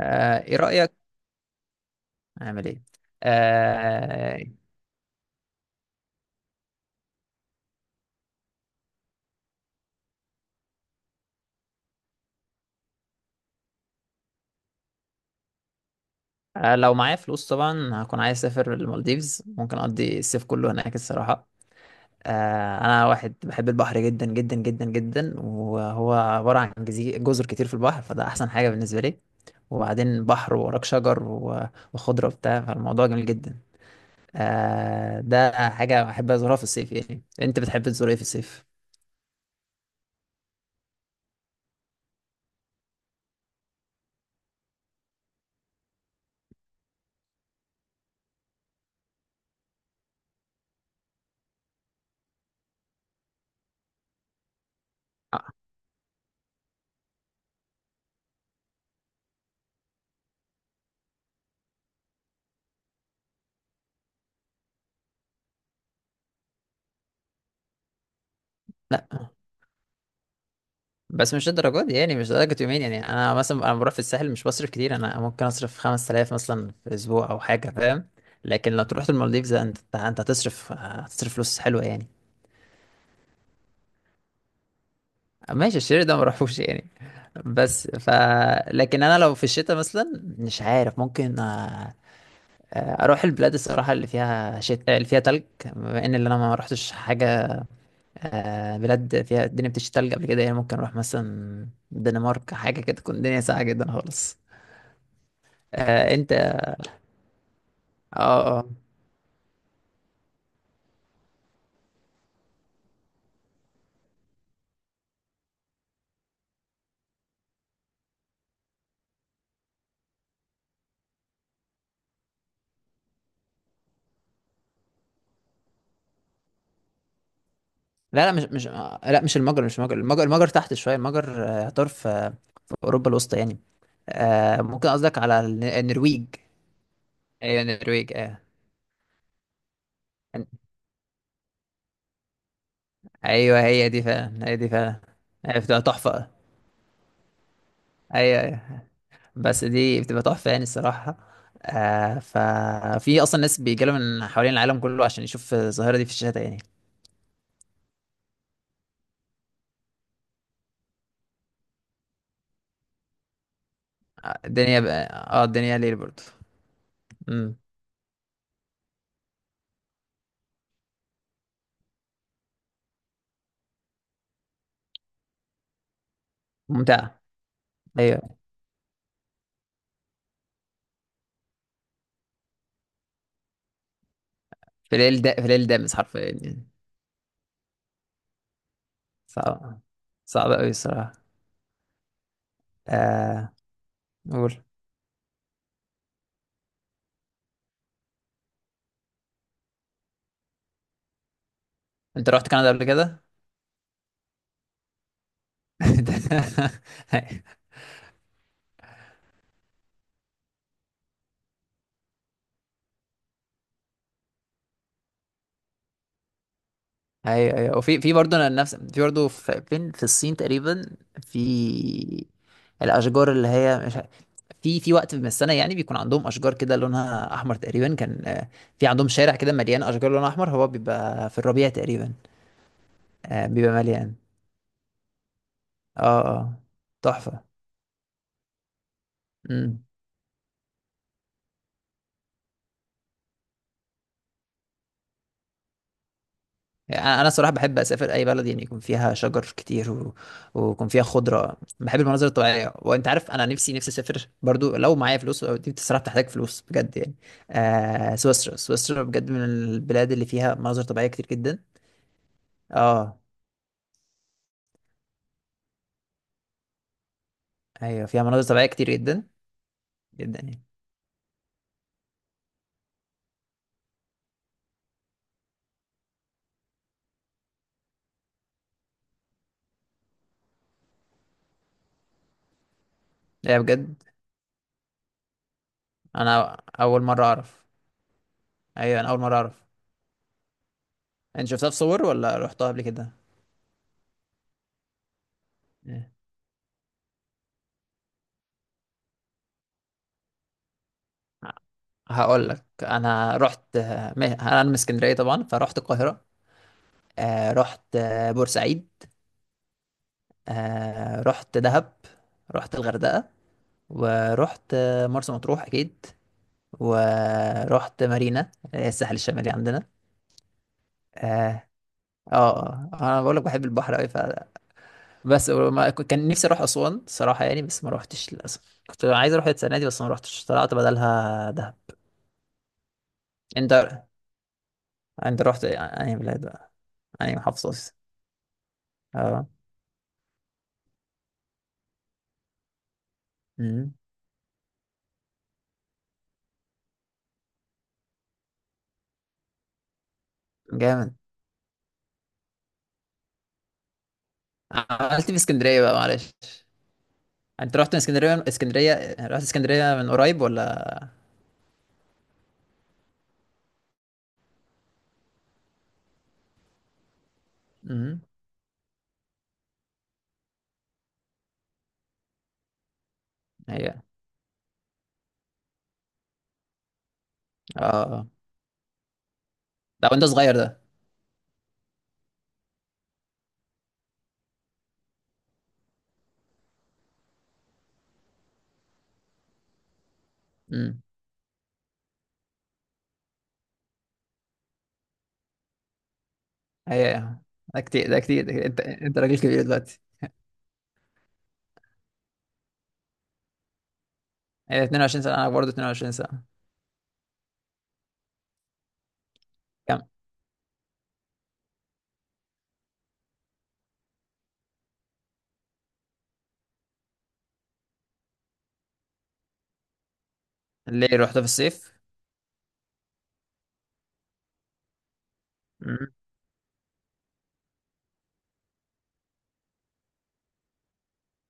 ايه رأيك اعمل ايه؟ آه، لو معايا فلوس طبعا هكون عايز اسافر المالديفز، ممكن اقضي الصيف كله هناك الصراحة. انا واحد بحب البحر جدا جدا جدا جدا، وهو عبارة عن جزر كتير في البحر، فده احسن حاجة بالنسبة لي. وبعدين بحر ووراك شجر و- وخضرة وبتاع، فالموضوع جميل جدا. ده حاجة بحب ازورها في الصيف، يعني انت بتحب تزور ايه في الصيف؟ آه، لا، بس مش الدرجات دي، يعني مش درجة يومين، يعني انا مثلا، بروح في الساحل مش بصرف كتير، انا ممكن اصرف 5000 مثلا في اسبوع او حاجة، فاهم؟ لكن لو تروح المالديفز انت هتصرف فلوس حلوة يعني. ماشي، الشير ده ما بروحوش يعني. بس ف لكن انا لو في الشتاء مثلا، مش عارف، ممكن اروح البلاد الصراحة اللي فيها تلج. بما ان اللي انا ما رحتش حاجة. بلاد فيها الدنيا بتشتي تلج قبل كده، يعني ممكن اروح مثلا الدنمارك، حاجة كده تكون الدنيا ساقعة جدا خالص. آه، انت اه، اه. لا، لا، مش مش آه، لا مش المجر، المجر تحت شويه. المجر يعتبر في في اوروبا الوسطى يعني. آه، ممكن قصدك على النرويج. ايوه النرويج، اه. ايوه، هي دي فعلا، هي دي فعلا. هي بتبقى تحفه. ايوه، ايوه. بس دي بتبقى تحفه يعني الصراحه. آه، ففي اصلا ناس بيجيلهم من حوالين العالم كله عشان يشوف الظاهره دي في الشتاء يعني. الدنيا بقى. اه، الدنيا ليل برضه. امم ممتعه. ايوه. في ليل دامس حرفيا يعني. صعب، صعب أوي الصراحة. آه، قول. أنت رحت كندا قبل كده؟ أيوه، أيوه. وفي برضه أنا نفس في برضه فين، في الصين تقريبا. في الأشجار اللي هي مش ع- في وقت من السنة، يعني بيكون عندهم أشجار كده لونها أحمر تقريبا كان، في عندهم شارع كده مليان أشجار لونها أحمر، هو بيبقى في الربيع تقريبا. بيبقى مليان. اه، اه، تحفة. يعني انا صراحه بحب اسافر اي بلد يعني يكون فيها شجر كتير ويكون فيها خضره، بحب المناظر الطبيعيه. وانت عارف انا نفسي اسافر برضو، لو معايا فلوس، أو دي بصراحه بتحتاج فلوس بجد يعني. آه، سويسرا بجد من البلاد اللي فيها مناظر طبيعيه كتير جدا. اه، ايوه، فيها مناظر طبيعيه كتير جدا جدا يعني. لا بجد، انا اول مره اعرف. ايوه، انا اول مره اعرف. انت شفتها في صور ولا رحتها قبل كده؟ إيه. هقول لك. انا من اسكندريه طبعا، فرحت القاهره. رحت، بورسعيد. رحت دهب. رحت الغردقة. ورحت مرسى مطروح أكيد. ورحت مارينا اللي هي الساحل الشمالي عندنا. اه، اه، آه. انا بقول لك بحب البحر قوي. بس ما كنت- كان نفسي اروح اسوان صراحه يعني، بس ما روحتش للاسف، كنت عايز اروح السنه دي بس ما روحتش، طلعت بدلها دهب. انت انت رحت اي بلاد بقى؟ اي محافظه؟ اه. أمم. جامد. عملت إيه في اسكندريه بقى، معلش؟ انت رحت اسكندريه؟ رحت اسكندريه من قريب ولا؟ امم هي، اه، آه. ده وانت صغير ده؟ امم هي. ده كتير، ده كتير، ده كتير. انت راجل كبير دلوقتي. هي 22 سنه، انا برضه 22 سنه. كم؟ ليه رحت في الصيف؟ امم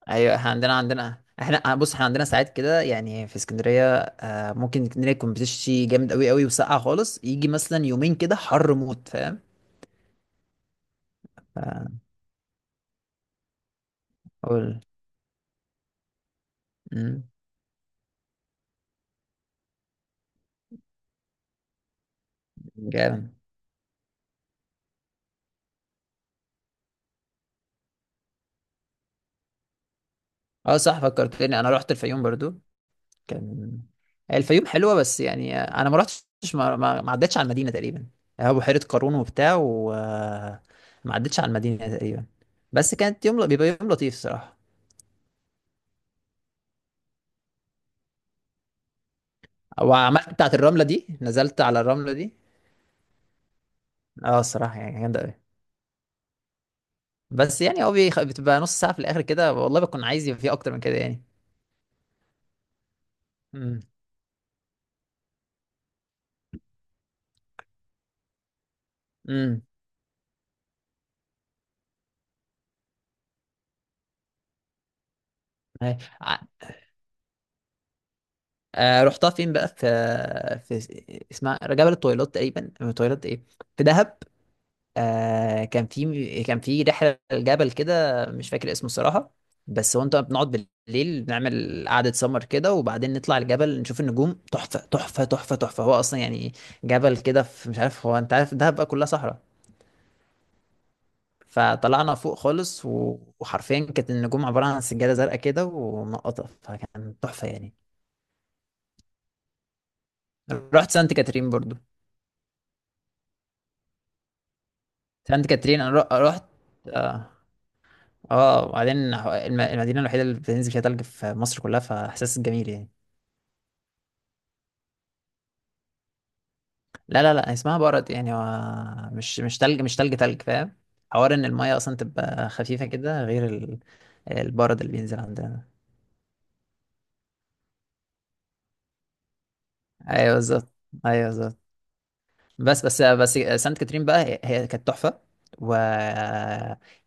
ايوه. احنا عندنا، احنا، بص، احنا عندنا ساعات كده يعني، في اسكندريه آه ممكن اسكندريه يكون بتشتي جامد قوي قوي وسقعه خالص، يجي مثلا يومين كده حر موت، فاهم؟ ف- قول. امم جامد. اه صح، فكرتني، انا رحت الفيوم برضو. كان الفيوم حلوة بس يعني انا ما رحتش، ما عدتش على المدينة تقريبا. هو بحيرة قارون وبتاع، وما عدتش على المدينة تقريبا. بس كانت يوم بيبقى يوم لطيف الصراحة. وعملت بتاعة الرملة دي، نزلت على الرملة دي. اه الصراحة يعني جامدة أوي. بس يعني هو بتبقى نص ساعة في الآخر كده، والله بكون عايز يبقى فيه أكتر من كده يعني. امم امم أي. ع- آه، رحتها فين بقى؟ في، في اسمها جبل الطويلات تقريبا، الطويلات ايه، في دهب. آه، كان في رحله الجبل كده مش فاكر اسمه الصراحه. بس هو، انت، بنقعد بالليل بنعمل قعده سمر كده، وبعدين نطلع الجبل نشوف النجوم، تحفه، تحفه، تحفه، تحفه، هو اصلا يعني جبل كده في، مش عارف، هو انت عارف دهب بقى كلها صحراء. فطلعنا فوق خالص و- وحرفيا كانت النجوم عباره عن سجاده زرقاء كده ومنقطه، فكان تحفه يعني. رحت سانت كاترين برضو. سانت كاترين انا رحت. اه، اه. وبعدين المدينه الوحيده اللي بتنزل فيها تلج في مصر كلها، فاحساس جميل يعني. لا، لا، لا، اسمها برد يعني، هو مش مش تلج مش تلج، تلج فاهم، حوار ان المية اصلا تبقى خفيفة كده، غير البرد اللي بينزل عندنا. ايوه بالظبط. ايوه بالظبط. بس سانت كاترين بقى، هي كانت تحفة. و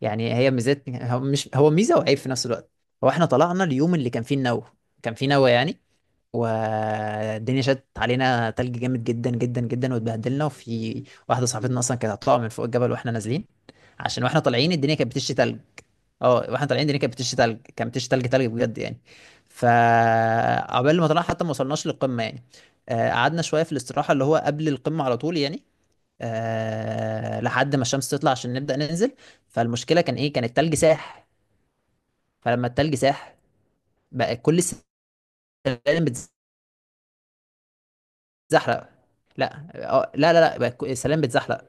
يعني هي ميزات، هو مش، هو ميزة وعيب في نفس الوقت. هو احنا طلعنا اليوم اللي كان فيه النوة، كان فيه نوة يعني، والدنيا شدت علينا تلج جامد جدا جدا جدا واتبهدلنا، وفي واحدة صاحبتنا اصلا كانت هتطلع من فوق الجبل واحنا نازلين، عشان واحنا طالعين الدنيا كانت بتشتي تلج. اه، واحنا طالعين الدنيا كانت بتشتي تلج، كانت بتشتي تلج، تلج بجد يعني. فعقبال ما طلعنا حتى ما وصلناش للقمة يعني، قعدنا شويه في الاستراحه اللي هو قبل القمه على طول يعني، آه، لحد ما الشمس تطلع عشان نبدأ ننزل. فالمشكلة كان ايه، كان التلج ساح. فلما التلج ساح، بقى كل السلالم بتزحلق. لا، لا، لا، لا، بقى السلالم بتزحلق.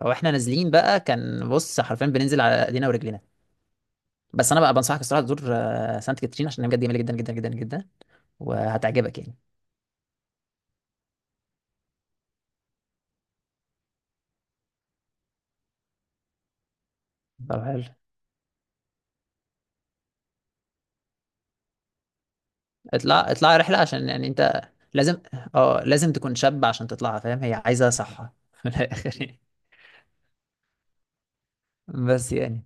فاحنا نازلين بقى كان، بص، حرفيا بننزل على ايدينا ورجلينا. بس انا بقى بنصحك الصراحة تزور سانت كاترين، عشان هي بجد جميلة جدا جدا جدا جدا وهتعجبك يعني. طب حلو. اطلع، اطلع رحلة، عشان يعني انت لازم، اه، لازم تكون شاب عشان تطلعها، فاهم، هي عايزة صحة من الآخر يعني. بس يعني،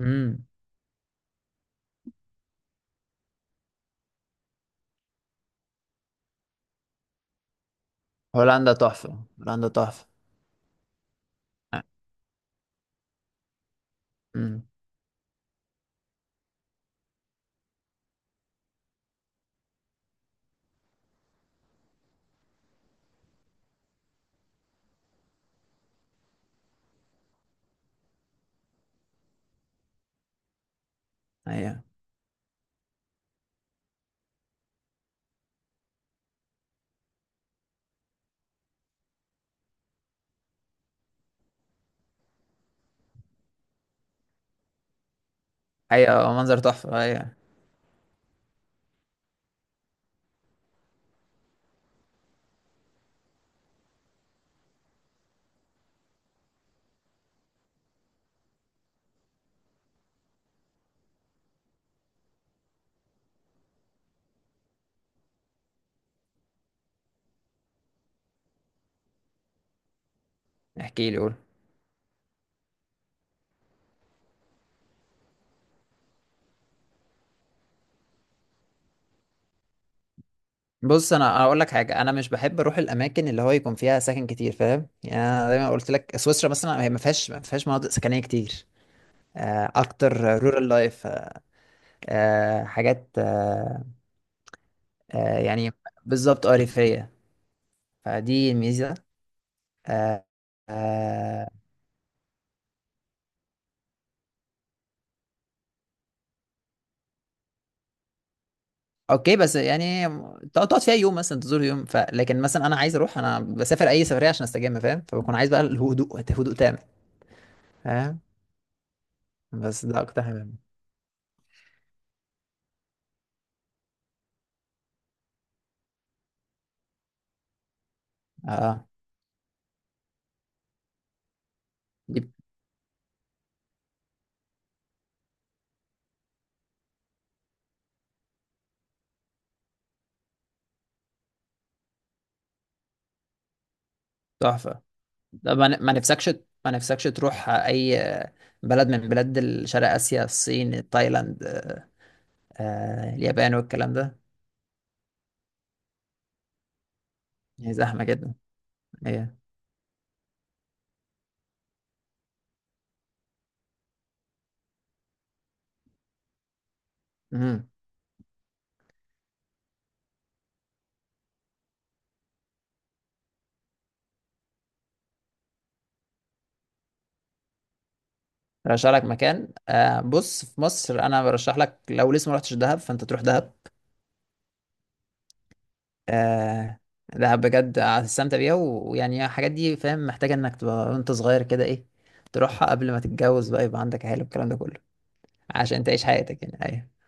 امم هولندا تحفة، هولندا تحفة. امم ايوه، ايوه، منظر تحفة، ايوه. احكي لي، قول. بص انا اقول لك حاجة، انا مش بحب اروح الاماكن اللي هو يكون فيها سكن كتير، فاهم؟ يعني انا دايما قلت لك سويسرا مثلا هي ما فيهاش مناطق سكنية كتير. اكتر رورال لايف، حاجات، يعني بالظبط اريفية، فدي الميزة. آه، آه، اوكي بس يعني تقعد، فيها يوم مثلا، تزور يوم، لكن مثلا انا عايز اروح، بسافر اي سفريه عشان استجم، فاهم؟ فبكون عايز بقى الهدوء، هدوء تام، فاهم؟ بس ده اكتر حاجه. اه دي تحفه. ده ما نفسكش تروح اي بلد من بلاد شرق اسيا؟ الصين، تايلاند، اليابان والكلام ده. هي زحمه جدا. ايه؟ امم برشح لك مكان، آه، بص في مصر انا برشح لك، لو لسه ما رحتش دهب فانت تروح دهب. آه لا بجد، هتستمتع بيها و- ويعني الحاجات دي، فاهم، محتاجة انك تبقى وانت صغير كده، ايه، تروحها قبل ما تتجوز بقى يبقى عندك عيال والكلام ده كله، عشان تعيش حياتك يعني. أيوه.